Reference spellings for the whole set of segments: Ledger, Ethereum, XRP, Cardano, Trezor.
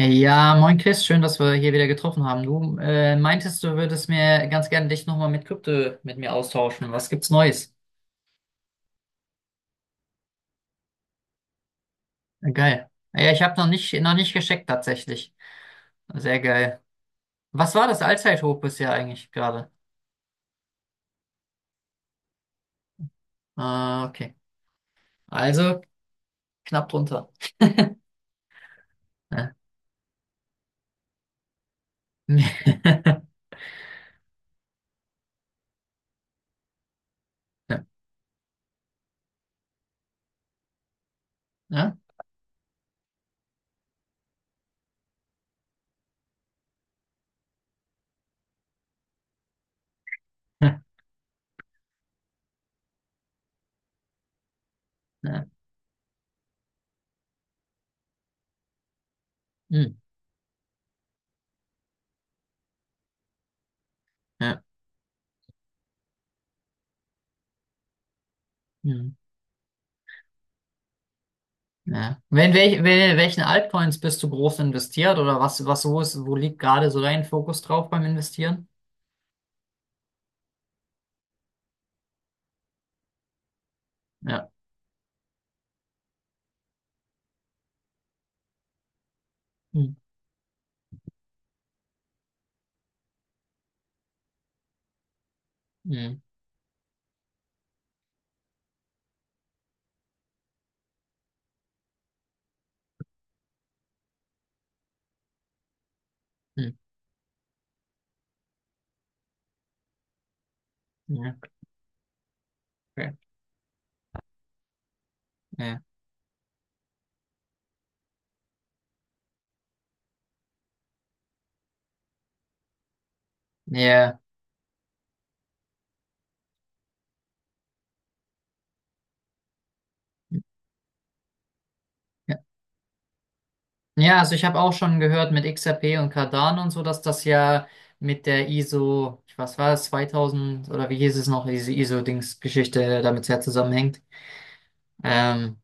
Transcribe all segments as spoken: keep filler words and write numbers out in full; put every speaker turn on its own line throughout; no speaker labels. Ja, moin Chris, schön, dass wir hier wieder getroffen haben. Du äh, meintest, du würdest mir ganz gerne dich nochmal mit Krypto mit mir austauschen. Was gibt's Neues? Äh, Geil. Ja, ich habe noch nicht, noch nicht gescheckt tatsächlich. Sehr geil. Was war das Allzeithoch bisher eigentlich gerade? Ah, okay. Also knapp drunter. Ja. Ja. Ja. Ja. Hm. Ja. Hm. Ja. Wenn, welch, wel- welchen Altcoins bist du groß investiert oder was, was so ist, wo liegt gerade so dein Fokus drauf beim Investieren? Ja. Hm. Hm, hm, ja, okay. Ja, ja, ja. Ja, also ich habe auch schon gehört mit X R P und Cardano und so, dass das ja mit der I S O, ich was war das, zweitausend oder wie hieß es noch, diese I S O-Dings-Geschichte damit sehr zusammenhängt. Ähm,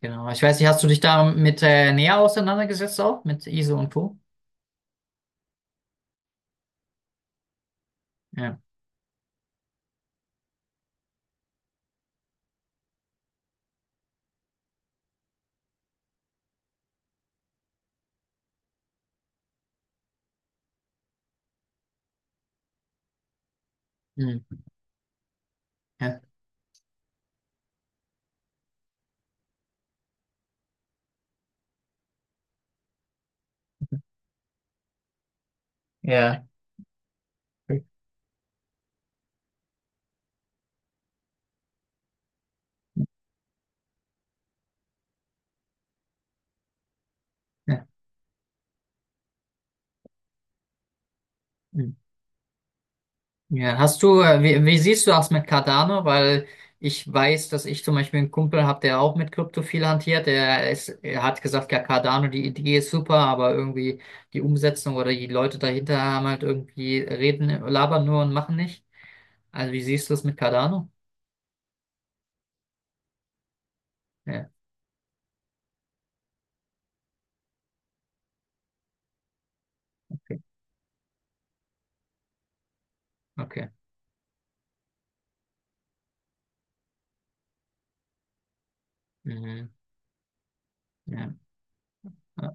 genau, ich weiß nicht, hast du dich damit äh, näher auseinandergesetzt auch mit I S O und Co.? Ja, hm, ja, ja, ja. Ja. Ja, hast du, äh, wie, wie siehst du das mit Cardano? Weil ich weiß, dass ich zum Beispiel einen Kumpel habe, der auch mit Krypto viel hantiert. Er, ist, er hat gesagt, ja, Cardano, die Idee ist super, aber irgendwie die Umsetzung oder die Leute dahinter haben halt irgendwie reden, labern nur und machen nicht. Also wie siehst du das mit Cardano? Ja, okay. Okay. Mhm. Ja. Ja.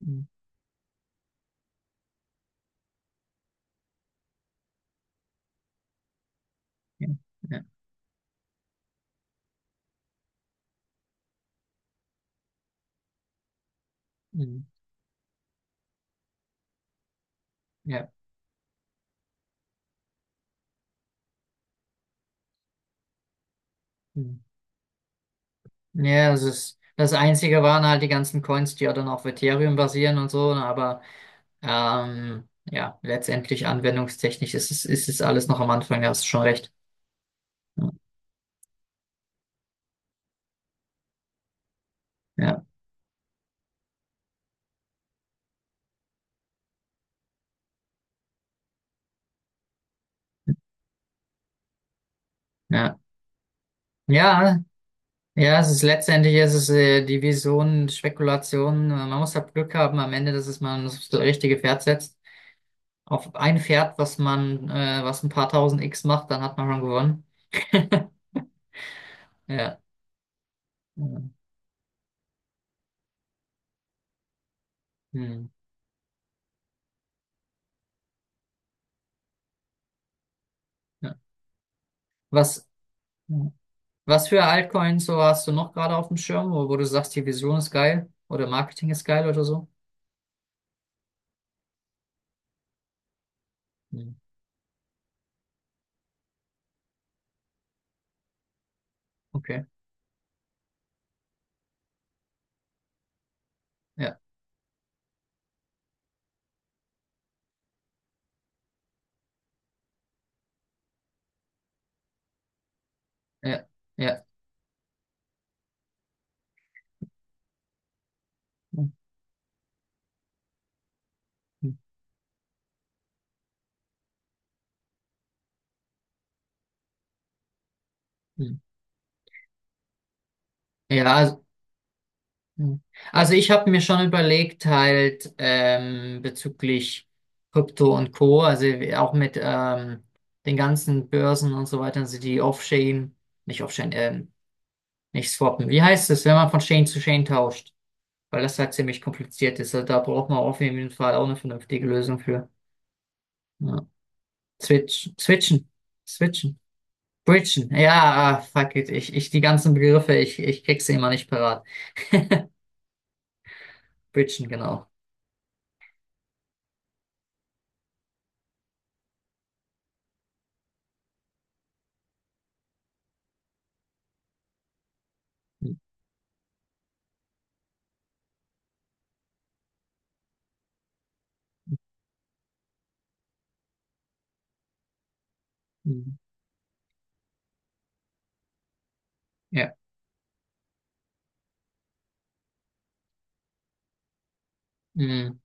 Mhm. Ja. Ja. Mhm. Ja. Mhm. Ja, das ist, das Einzige waren halt die ganzen Coins, die ja dann auf Ethereum basieren und so, ne, aber Ähm, ja, letztendlich anwendungstechnisch ist es, ist es alles noch am Anfang, da hast du schon recht. Ja, ja. Ja, ja, es ist letztendlich ist es äh, die Vision, Spekulation. Äh, Man muss halt Glück haben am Ende, dass es man das richtige Pferd setzt. Auf ein Pferd, was man, äh, was ein paar tausend X macht, dann hat man schon gewonnen. Ja. Hm. Hm. Ja. Was, was für Altcoins so hast du noch gerade auf dem Schirm, wo, wo du sagst, die Vision ist geil oder Marketing ist geil oder so? Hm. Okay. Ja. Ja, ja. Ja, also, also ich habe mir schon überlegt, halt ähm, bezüglich Krypto und Co., also auch mit ähm, den ganzen Börsen und so weiter, also die Off-Chain, nicht Off-Chain, ähm, nicht swappen. Wie heißt es, wenn man von Chain zu Chain tauscht? Weil das halt ziemlich kompliziert ist. Also da braucht man auf jeden Fall auch eine vernünftige Lösung für. Ja. Switch, switchen, switchen, bridgen. Ja, ah, fuck it. Ich, ich, die ganzen Begriffe, ich, ich krieg sie immer nicht parat. Bridgen, genau. Mhm. Mhm. Ja, mhm.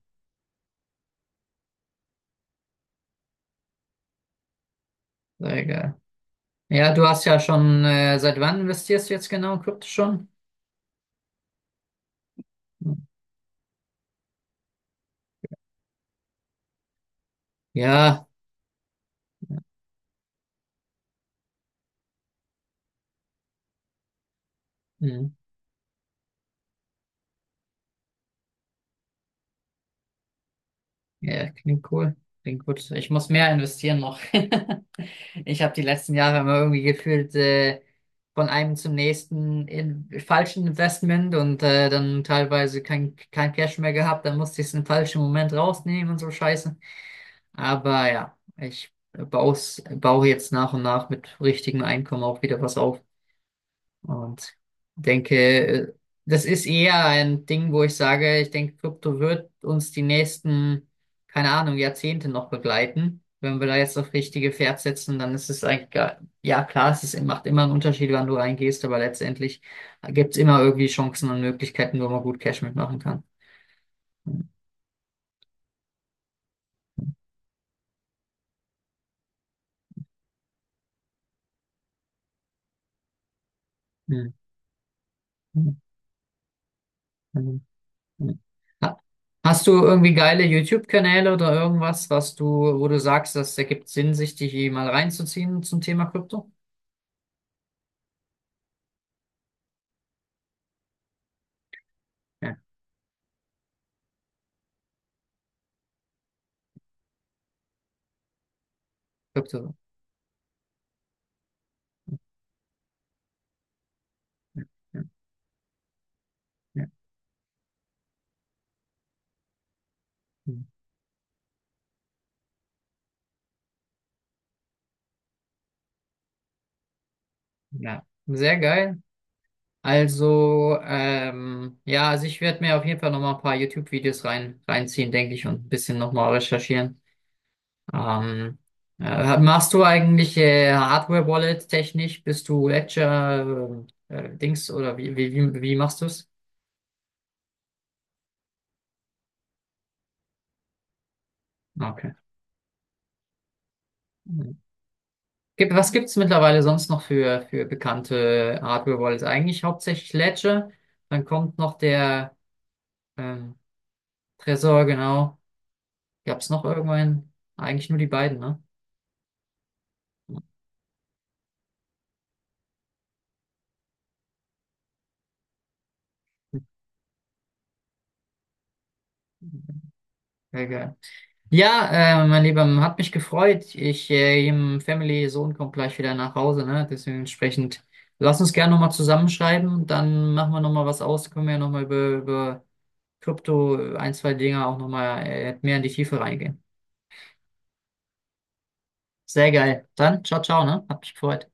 Sehr geil. Ja, du hast ja schon, äh, seit wann investierst du jetzt genau in Krypto schon? Mhm. Ja, mhm. Ja, klingt cool. Klingt gut. Ich muss mehr investieren noch. Ich habe die letzten Jahre immer irgendwie gefühlt, äh, von einem zum nächsten in falschen Investment und äh, dann teilweise kein, kein Cash mehr gehabt, dann musste ich es im falschen Moment rausnehmen und so Scheiße. Aber ja, ich baus, baue jetzt nach und nach mit richtigem Einkommen auch wieder was auf. Und denke, äh, das ist eher ein Ding, wo ich sage, ich denke, Krypto wird uns die nächsten, keine Ahnung, Jahrzehnte noch begleiten. Wenn wir da jetzt auf richtige Pferd setzen, dann ist es eigentlich, gar- ja klar, es ist, macht immer einen Unterschied, wann du reingehst, aber letztendlich gibt es immer irgendwie Chancen und Möglichkeiten, wo man gut Cash mitmachen kann. Hm. Hm. Hm. Ha- Hast du irgendwie geile YouTube-Kanäle oder irgendwas, was du, wo du sagst, das ergibt Sinn, sich die mal reinzuziehen zum Thema Krypto? Ja, Krypto. Ja, ja, ja. Hm. Ja, sehr geil. Also, ähm, ja, also ich werde mir auf jeden Fall nochmal ein paar YouTube-Videos rein, reinziehen, denke ich, und ein bisschen nochmal recherchieren. Ähm, äh, machst du eigentlich äh, Hardware-Wallet technisch? Bist du Ledger, äh, äh, Dings oder wie, wie, wie, wie machst du es? Okay. Mhm. Gibt, was gibt es mittlerweile sonst noch für, für bekannte Hardware-Wallets? Eigentlich hauptsächlich Ledger. Dann kommt noch der ähm, Trezor, genau. Gab es noch irgendwann? Eigentlich nur die beiden, ne? Sehr geil. Ja, äh, mein Lieber, hat mich gefreut. Ich, äh, im Family Sohn kommt gleich wieder nach Hause, ne? Deswegen entsprechend, lass uns gerne nochmal zusammenschreiben. Dann machen wir nochmal was aus. Können wir ja nochmal über, über Krypto ein, zwei Dinge auch nochmal äh, mehr in die Tiefe reingehen. Sehr geil. Dann, ciao, ciao, ne? Hab mich gefreut.